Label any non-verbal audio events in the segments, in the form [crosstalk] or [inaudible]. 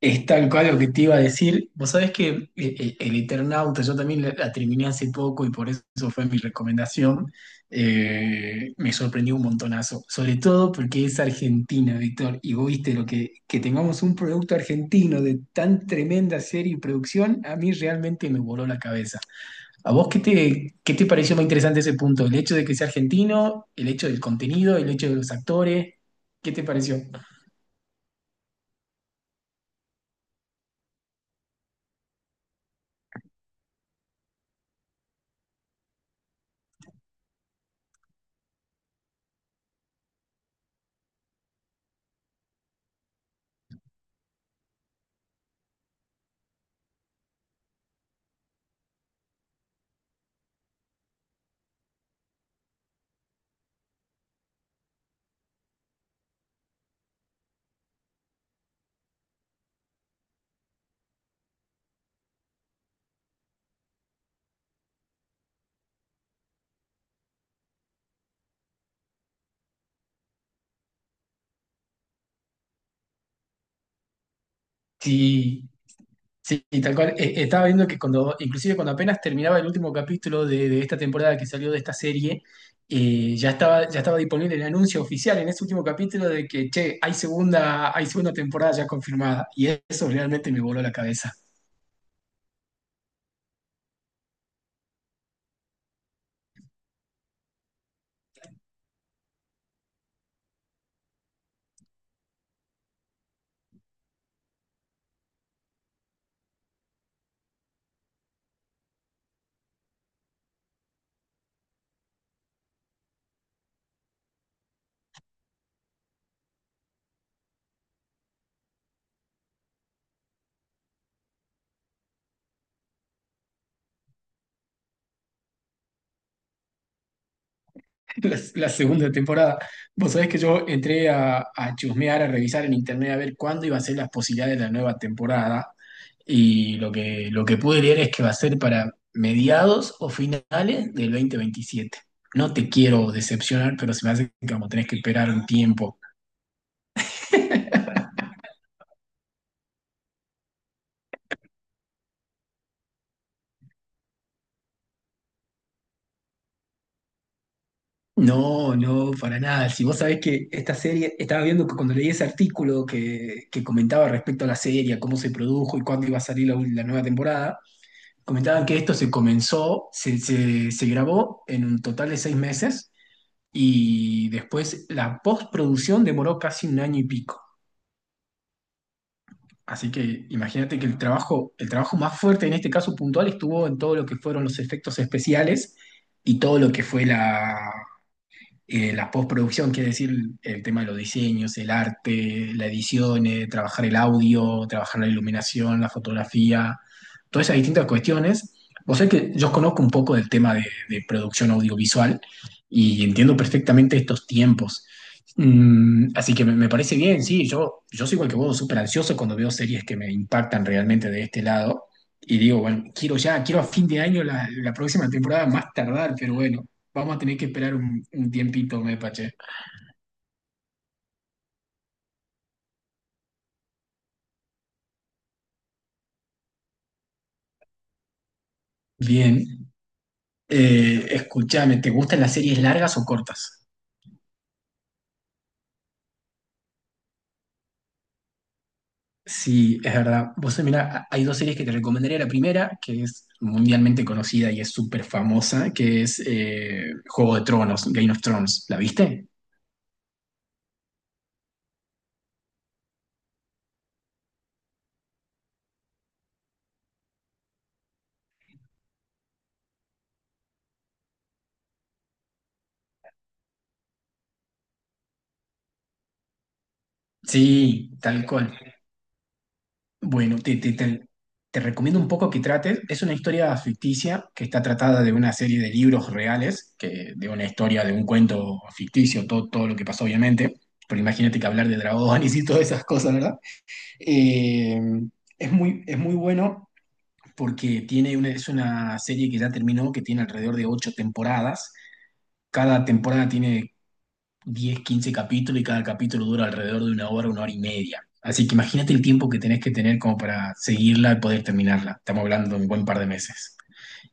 Es tal cual lo que te iba a decir. Vos sabés que El Eternauta, yo también la terminé hace poco y por eso fue mi recomendación. Me sorprendió un montonazo, sobre todo porque es Argentina, Víctor, y vos viste lo que tengamos un producto argentino de tan tremenda serie y producción, a mí realmente me voló la cabeza. ¿A vos qué te pareció más interesante ese punto? ¿El hecho de que sea argentino? ¿El hecho del contenido? ¿El hecho de los actores? ¿Qué te pareció? Sí. Sí, y tal cual. Estaba viendo que cuando, inclusive cuando apenas terminaba el último capítulo de esta temporada que salió de esta serie, ya estaba disponible el anuncio oficial en ese último capítulo de que, che, hay segunda temporada ya confirmada. Y eso realmente me voló la cabeza. [laughs] La segunda temporada. Vos sabés que yo entré a chusmear, a revisar en internet a ver cuándo iba a ser las posibilidades de la nueva temporada. Y lo que pude leer es que va a ser para mediados o finales del 2027. No te quiero decepcionar, pero se me hace que como tenés que esperar un tiempo. [laughs] No, no, para nada. Si vos sabés que esta serie, estaba viendo que cuando leí ese artículo que comentaba respecto a la serie, a cómo se produjo y cuándo iba a salir la nueva temporada, comentaban que esto se comenzó, se grabó en un total de 6 meses y después la postproducción demoró casi un año y pico. Así que imagínate que el trabajo más fuerte en este caso puntual estuvo en todo lo que fueron los efectos especiales y todo lo que fue la postproducción, quiere decir el tema de los diseños, el arte, la edición, trabajar el audio, trabajar la iluminación, la fotografía, todas esas distintas cuestiones. Vos sabés que yo conozco un poco del tema de producción audiovisual y entiendo perfectamente estos tiempos. Así que me parece bien, sí, yo soy igual que vos, súper ansioso cuando veo series que me impactan realmente de este lado. Y digo, bueno, quiero ya, quiero a fin de año la próxima temporada más tardar, pero bueno. Vamos a tener que esperar un tiempito, Mepa, che. Bien. Escúchame, ¿te gustan las series largas o cortas? Sí, es verdad. Vos, mira, hay dos series que te recomendaría. La primera, que es mundialmente conocida y es súper famosa, que es Juego de Tronos, Game of Thrones. ¿La viste? Sí, tal cual. Bueno, te recomiendo un poco que trates. Es una historia ficticia que está tratada de una serie de libros reales, que, de una historia, de un cuento ficticio, todo, todo lo que pasó, obviamente. Pero imagínate que hablar de dragones y todas esas cosas, ¿verdad? Eh, es muy bueno porque tiene una, es una serie que ya terminó, que tiene alrededor de ocho temporadas. Cada temporada tiene 10 15 capítulos y cada capítulo dura alrededor de una hora y media. Así que imagínate el tiempo que tenés que tener como para seguirla y poder terminarla. Estamos hablando de un buen par de meses.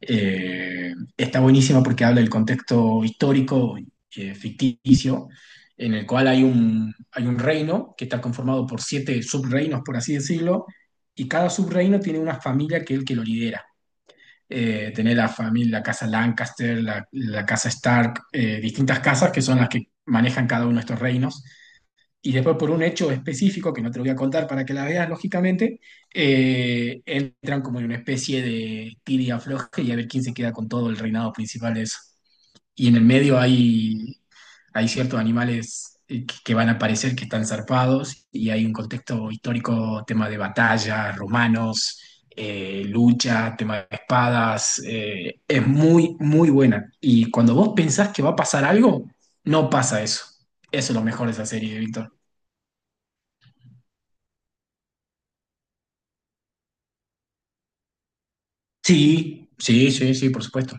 Está buenísima porque habla del contexto histórico, ficticio, en el cual hay un reino que está conformado por siete subreinos, por así decirlo, y cada subreino tiene una familia que es el que lo lidera. Tenés la familia, la casa Lancaster, la casa Stark, distintas casas que son las que manejan cada uno de estos reinos. Y después por un hecho específico, que no te lo voy a contar para que la veas, lógicamente, entran como en una especie de tira y afloje y a ver quién se queda con todo el reinado principal de eso. Y en el medio hay ciertos animales que van a aparecer que están zarpados y hay un contexto histórico, tema de batalla, romanos, lucha, tema de espadas. Es muy, muy buena. Y cuando vos pensás que va a pasar algo, no pasa eso. Eso es lo mejor de esa serie, Víctor. Sí, sí, sí, sí, por supuesto.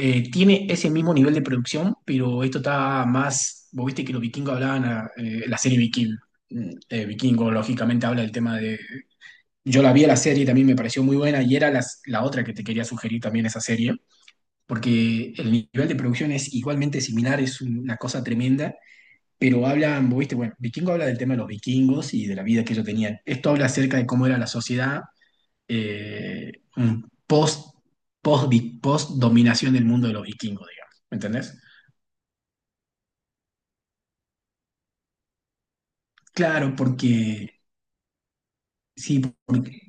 Tiene ese mismo nivel de producción, pero esto está más, vos viste que los vikingos hablaban, la serie Viking, Vikingo, lógicamente habla del tema de... Yo la vi a la serie y también me pareció muy buena y era la otra que te quería sugerir también esa serie, porque el nivel de producción es igualmente similar, es una cosa tremenda, pero hablan, vos viste, bueno, Vikingo habla del tema de los vikingos y de la vida que ellos tenían. Esto habla acerca de cómo era la sociedad un post, post, post dominación del mundo de los vikingos, digamos. ¿Me entendés? Claro, porque sí, porque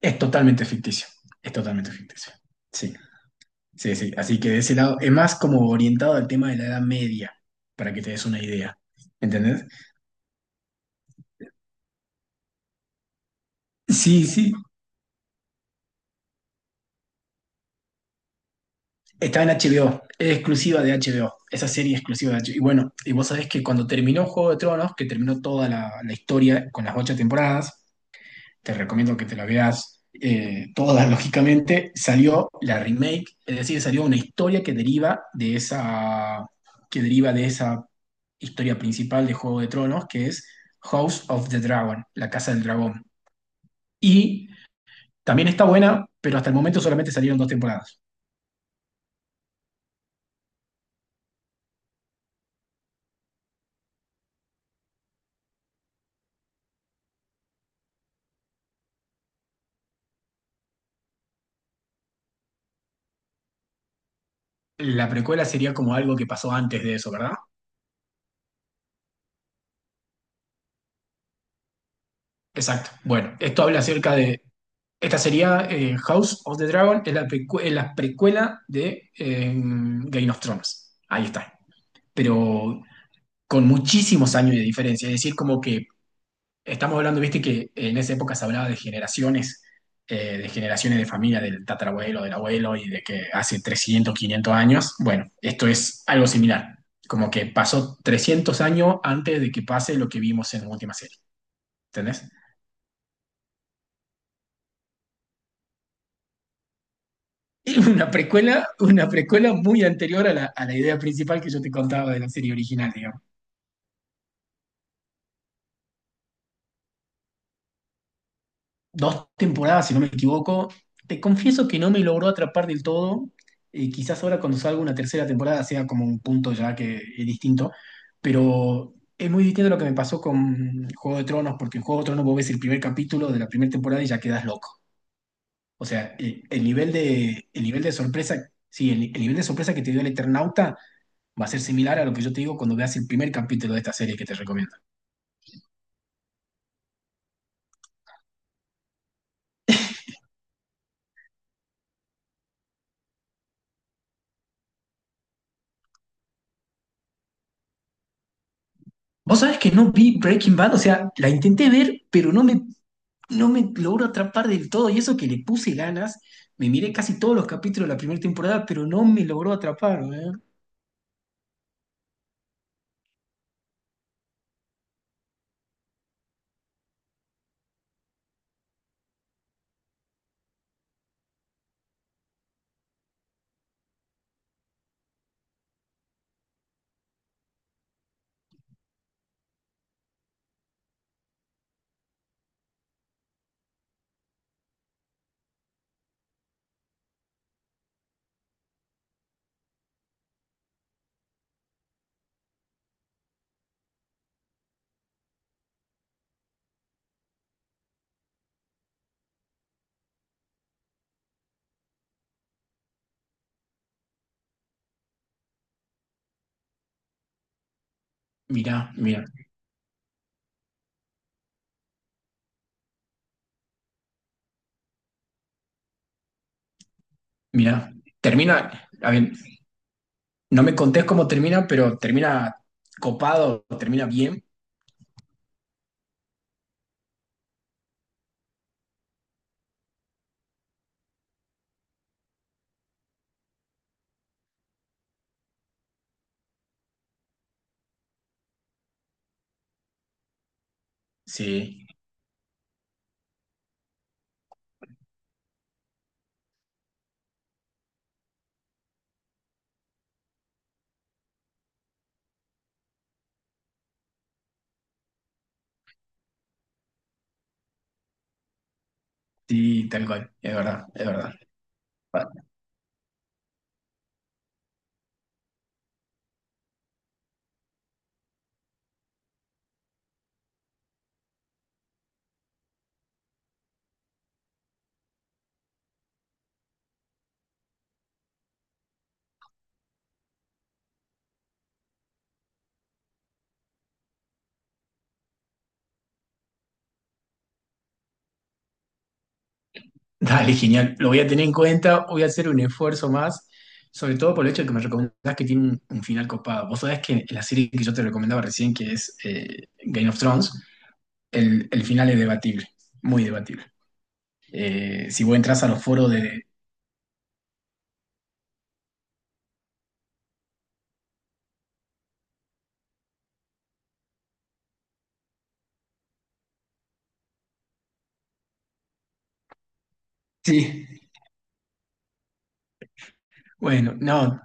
es totalmente ficticio. Es totalmente ficticio. Sí, sí, sí. Así que de ese lado, es más como orientado al tema de la Edad Media, para que te des una idea. ¿Entendés? Sí, sí. Está en HBO, es exclusiva de HBO, esa serie es exclusiva de HBO. Y bueno, y vos sabés que cuando terminó Juego de Tronos, que terminó toda la historia con las ocho temporadas, te recomiendo que te la veas toda, [laughs] lógicamente, salió la remake, es decir, salió una historia que deriva de esa, historia principal de Juego de Tronos, que es House of the Dragon, la Casa del Dragón. Y también está buena, pero hasta el momento solamente salieron dos temporadas. La precuela sería como algo que pasó antes de eso, ¿verdad? Exacto. Bueno, esto habla acerca de. Esta sería House of the Dragon, es la, es la precuela de Game of Thrones. Ahí está. Pero con muchísimos años de diferencia. Es decir, como que estamos hablando, viste, que en esa época se hablaba de generaciones, de generaciones de familia, del tatarabuelo, del abuelo, y de que hace 300, 500 años. Bueno, esto es algo similar. Como que pasó 300 años antes de que pase lo que vimos en la última serie. ¿Entendés? [laughs] Una precuela muy anterior a la idea principal que yo te contaba de la serie original, digamos. Dos temporadas, si no me equivoco. Te confieso que no me logró atrapar del todo. Quizás ahora cuando salga una tercera temporada sea como un punto ya que es distinto, pero es muy distinto a lo que me pasó con Juego de Tronos, porque en Juego de Tronos vos ves el primer capítulo de la primera temporada y ya quedas loco. O sea, el nivel de, el nivel de sorpresa, sí, el nivel de sorpresa que te dio el Eternauta va a ser similar a lo que yo te digo cuando veas el primer capítulo de esta serie que te recomiendo. Vos sabés que no vi Breaking Bad, o sea, la intenté ver, pero no me logro atrapar del todo. Y eso que le puse ganas, me miré casi todos los capítulos de la primera temporada, pero no me logró atrapar. ¿Eh? Mirá, mirá, mirá. Termina, a ver, no me contés cómo termina, pero termina copado, termina bien. Sí. Sí, tal cual, es verdad, es verdad. Va- Dale, genial. Lo voy a tener en cuenta, voy a hacer un esfuerzo más, sobre todo por el hecho de que me recomendás que tiene un final copado. Vos sabés que la serie que yo te recomendaba recién, que es Game of Thrones, el final es debatible, muy debatible. Si vos entras a los foros de... Sí. Bueno, no,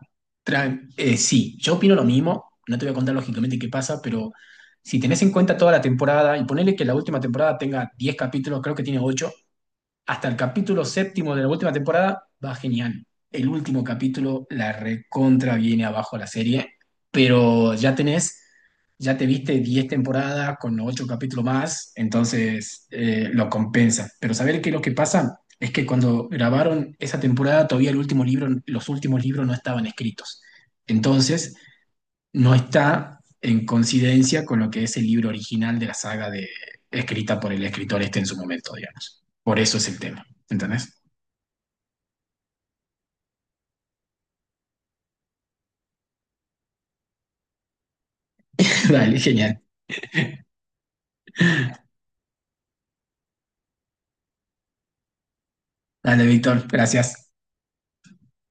sí, yo opino lo mismo, no te voy a contar lógicamente qué pasa, pero si tenés en cuenta toda la temporada y ponele que la última temporada tenga 10 capítulos, creo que tiene 8 hasta el capítulo séptimo de la última temporada va genial. El último capítulo la recontra viene abajo la serie, pero ya tenés, ya te viste 10 temporadas con 8 capítulos más, entonces lo compensa. Pero saber que lo que pasa es que cuando grabaron esa temporada todavía el último libro, los últimos libros no estaban escritos. Entonces no está en coincidencia con lo que es el libro original de la saga de, escrita por el escritor este en su momento, digamos. Por eso es el tema, ¿entendés? [laughs] Dale, genial. Dale, Víctor, gracias.